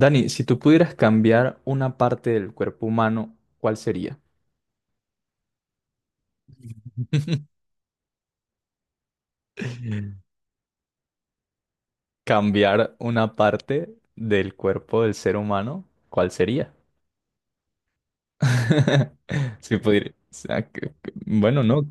Dani, si tú pudieras cambiar una parte del cuerpo humano, ¿cuál sería? Cambiar una parte del cuerpo del ser humano, ¿cuál sería? Si pudiera, o sea, bueno, no.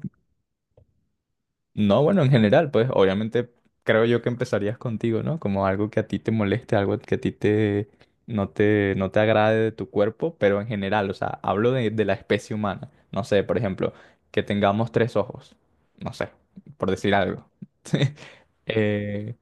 No, bueno, en general, pues obviamente creo yo que empezarías contigo, ¿no? Como algo que a ti te moleste, algo que a ti te no te no te agrade de tu cuerpo, pero en general, o sea, hablo de la especie humana. No sé, por ejemplo, que tengamos tres ojos, no sé, por decir algo. Eh,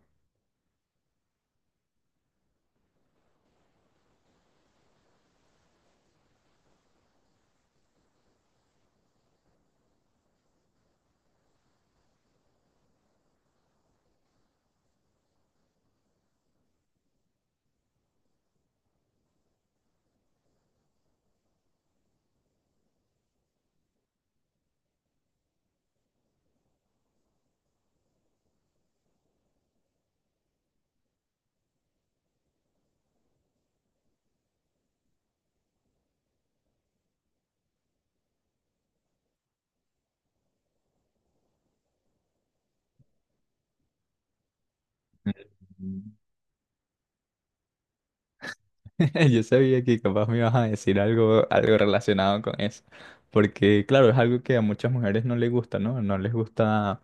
Yo sabía que capaz me ibas a decir algo, algo relacionado con eso, porque claro, es algo que a muchas mujeres no les gusta, ¿no? No les gusta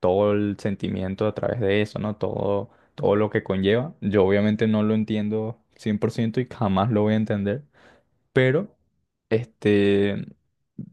todo el sentimiento a través de eso, ¿no? Todo lo que conlleva. Yo obviamente no lo entiendo 100% y jamás lo voy a entender, pero, este,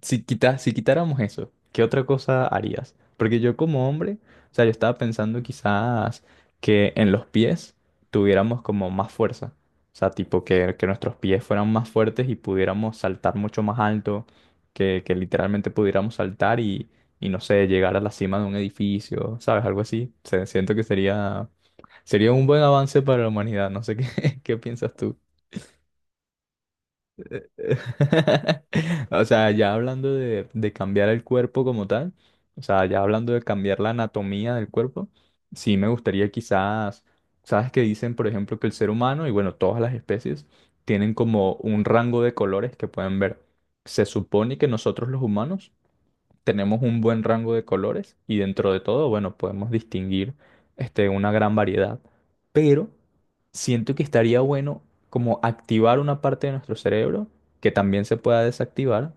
si quitáramos eso, ¿qué otra cosa harías? Porque yo como hombre, o sea, yo estaba pensando quizás que en los pies tuviéramos como más fuerza. O sea, tipo que nuestros pies fueran más fuertes y pudiéramos saltar mucho más alto, que literalmente pudiéramos saltar y no sé, llegar a la cima de un edificio, ¿sabes? Algo así. Siento que sería, sería un buen avance para la humanidad. No sé qué, qué piensas tú. O sea, ya hablando de cambiar el cuerpo como tal, o sea, ya hablando de cambiar la anatomía del cuerpo, sí me gustaría quizás, sabes que dicen, por ejemplo, que el ser humano y bueno, todas las especies tienen como un rango de colores que pueden ver. Se supone que nosotros los humanos tenemos un buen rango de colores y dentro de todo, bueno, podemos distinguir este, una gran variedad. Pero siento que estaría bueno como activar una parte de nuestro cerebro que también se pueda desactivar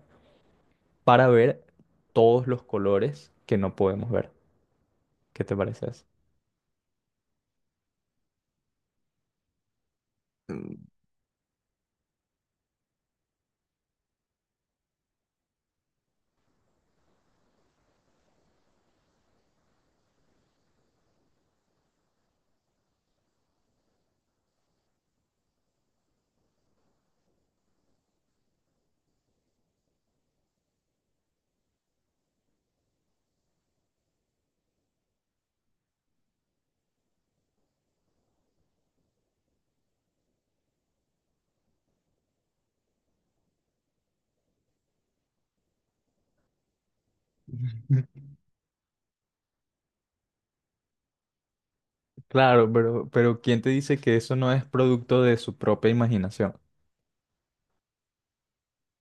para ver todos los colores que no podemos ver. ¿Qué te parece eso? Claro, pero ¿quién te dice que eso no es producto de su propia imaginación?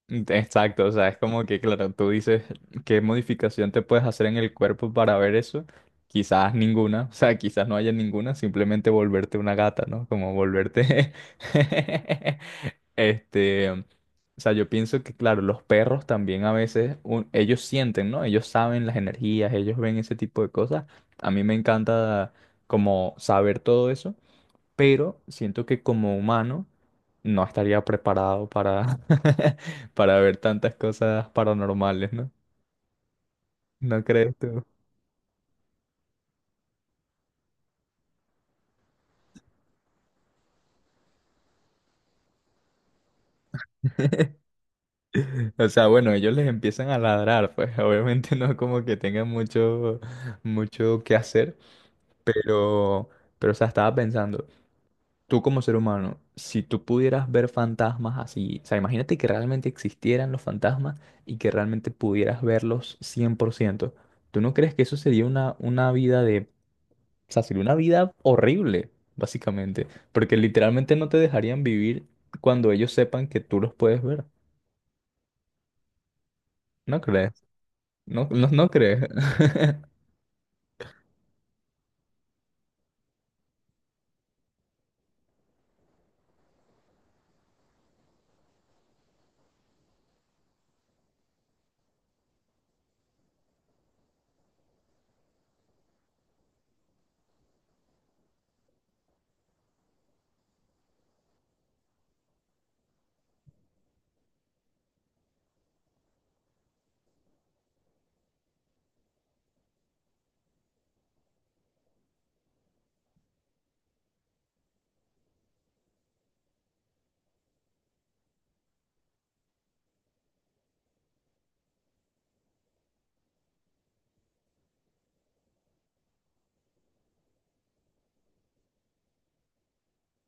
Exacto, o sea, es como que, claro, tú dices, ¿qué modificación te puedes hacer en el cuerpo para ver eso? Quizás ninguna, o sea, quizás no haya ninguna, simplemente volverte una gata, ¿no? Como volverte... Este, o sea, yo pienso que, claro, los perros también a veces, ellos sienten, ¿no? Ellos saben las energías, ellos ven ese tipo de cosas. A mí me encanta como saber todo eso, pero siento que como humano no estaría preparado para, para ver tantas cosas paranormales, ¿no? ¿No crees tú? O sea, bueno, ellos les empiezan a ladrar, pues obviamente no como que tengan mucho, mucho que hacer, pero, pero, o sea, estaba pensando, tú como ser humano, si tú pudieras ver fantasmas así, o sea, imagínate que realmente existieran los fantasmas y que realmente pudieras verlos cien por ciento. ¿Tú no crees que eso sería una vida de... O sea, sería una vida horrible, básicamente, porque literalmente no te dejarían vivir cuando ellos sepan que tú los puedes ver. ¿No crees? No, no, no crees.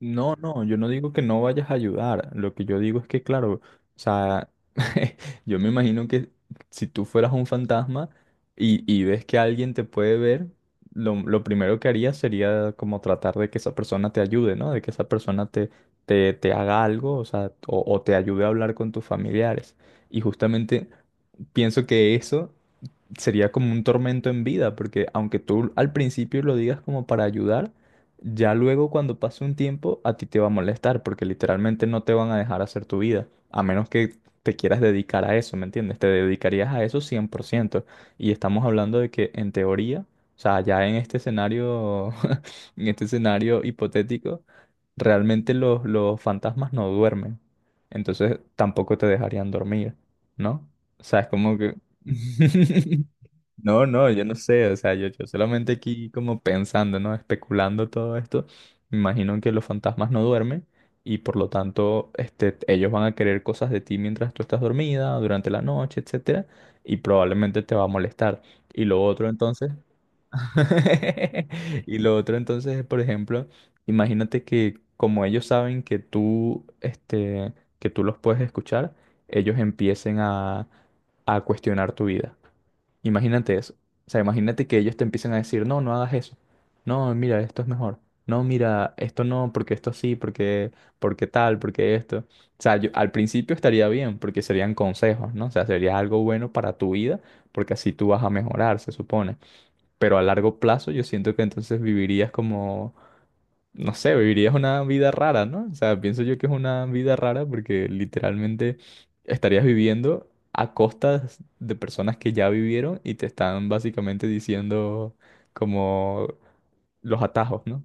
No, no, yo no digo que no vayas a ayudar. Lo que yo digo es que, claro, o sea, yo me imagino que si tú fueras un fantasma y ves que alguien te puede ver, lo primero que harías sería como tratar de que esa persona te ayude, ¿no? De que esa persona te haga algo, o sea, o te ayude a hablar con tus familiares. Y justamente pienso que eso sería como un tormento en vida, porque aunque tú al principio lo digas como para ayudar, ya luego cuando pase un tiempo a ti te va a molestar, porque literalmente no te van a dejar hacer tu vida, a menos que te quieras dedicar a eso, ¿me entiendes? Te dedicarías a eso cien por ciento. Y estamos hablando de que en teoría, o sea, ya en este escenario, en este escenario hipotético, realmente los fantasmas no duermen, entonces tampoco te dejarían dormir, ¿no? O sea, es como que... No, no, yo no sé, o sea, yo solamente aquí como pensando, ¿no? Especulando todo esto, me imagino que los fantasmas no duermen y por lo tanto, este, ellos van a querer cosas de ti mientras tú estás dormida, durante la noche, etcétera, y probablemente te va a molestar. Y lo otro entonces... Y lo otro entonces es, por ejemplo, imagínate que como ellos saben que tú, este, que tú los puedes escuchar, ellos empiecen a cuestionar tu vida. Imagínate eso. O sea, imagínate que ellos te empiecen a decir, no, no hagas eso. No, mira, esto es mejor. No, mira, esto no, porque esto sí, porque, porque tal, porque esto. O sea, al principio estaría bien, porque serían consejos, ¿no? O sea, sería algo bueno para tu vida, porque así tú vas a mejorar, se supone. Pero a largo plazo yo siento que entonces vivirías como, no sé, vivirías una vida rara, ¿no? O sea, pienso yo que es una vida rara porque literalmente estarías viviendo a costas de personas que ya vivieron y te están básicamente diciendo como los atajos, ¿no?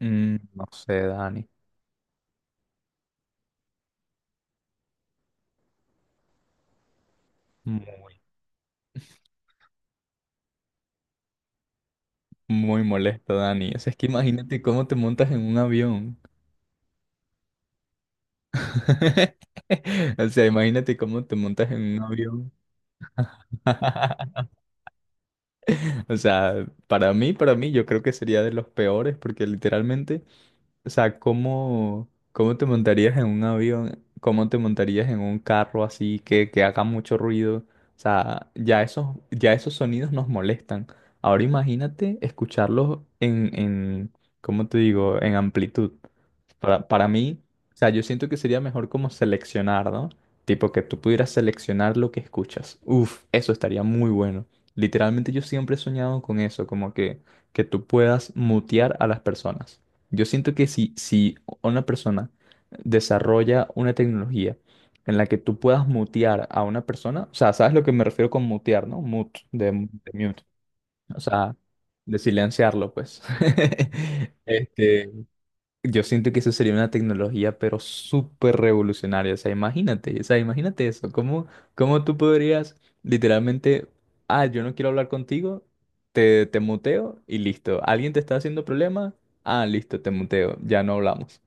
Mm, no sé, Dani. Muy, muy molesto, Dani. O sea, es que imagínate cómo te montas en un avión. O sea, imagínate cómo te montas en un avión. O sea, para mí, yo creo que sería de los peores porque literalmente, o sea, ¿cómo, cómo te montarías en un avión? ¿Cómo te montarías en un carro así que haga mucho ruido? O sea, ya esos sonidos nos molestan. Ahora imagínate escucharlos ¿cómo te digo? En amplitud. Para mí, o sea, yo siento que sería mejor como seleccionar, ¿no? Tipo que tú pudieras seleccionar lo que escuchas. Uf, eso estaría muy bueno. Literalmente yo siempre he soñado con eso, como que tú puedas mutear a las personas. Yo siento que si, si una persona desarrolla una tecnología en la que tú puedas mutear a una persona, o sea, ¿sabes lo que me refiero con mutear, no? Mute, de mute, o sea, de silenciarlo, pues. Este, yo siento que eso sería una tecnología, pero súper revolucionaria. O sea, imagínate eso. ¿Cómo, cómo tú podrías literalmente, ah, yo no quiero hablar contigo, te muteo y listo. ¿Alguien te está haciendo problema? Ah, listo, te muteo, ya no hablamos.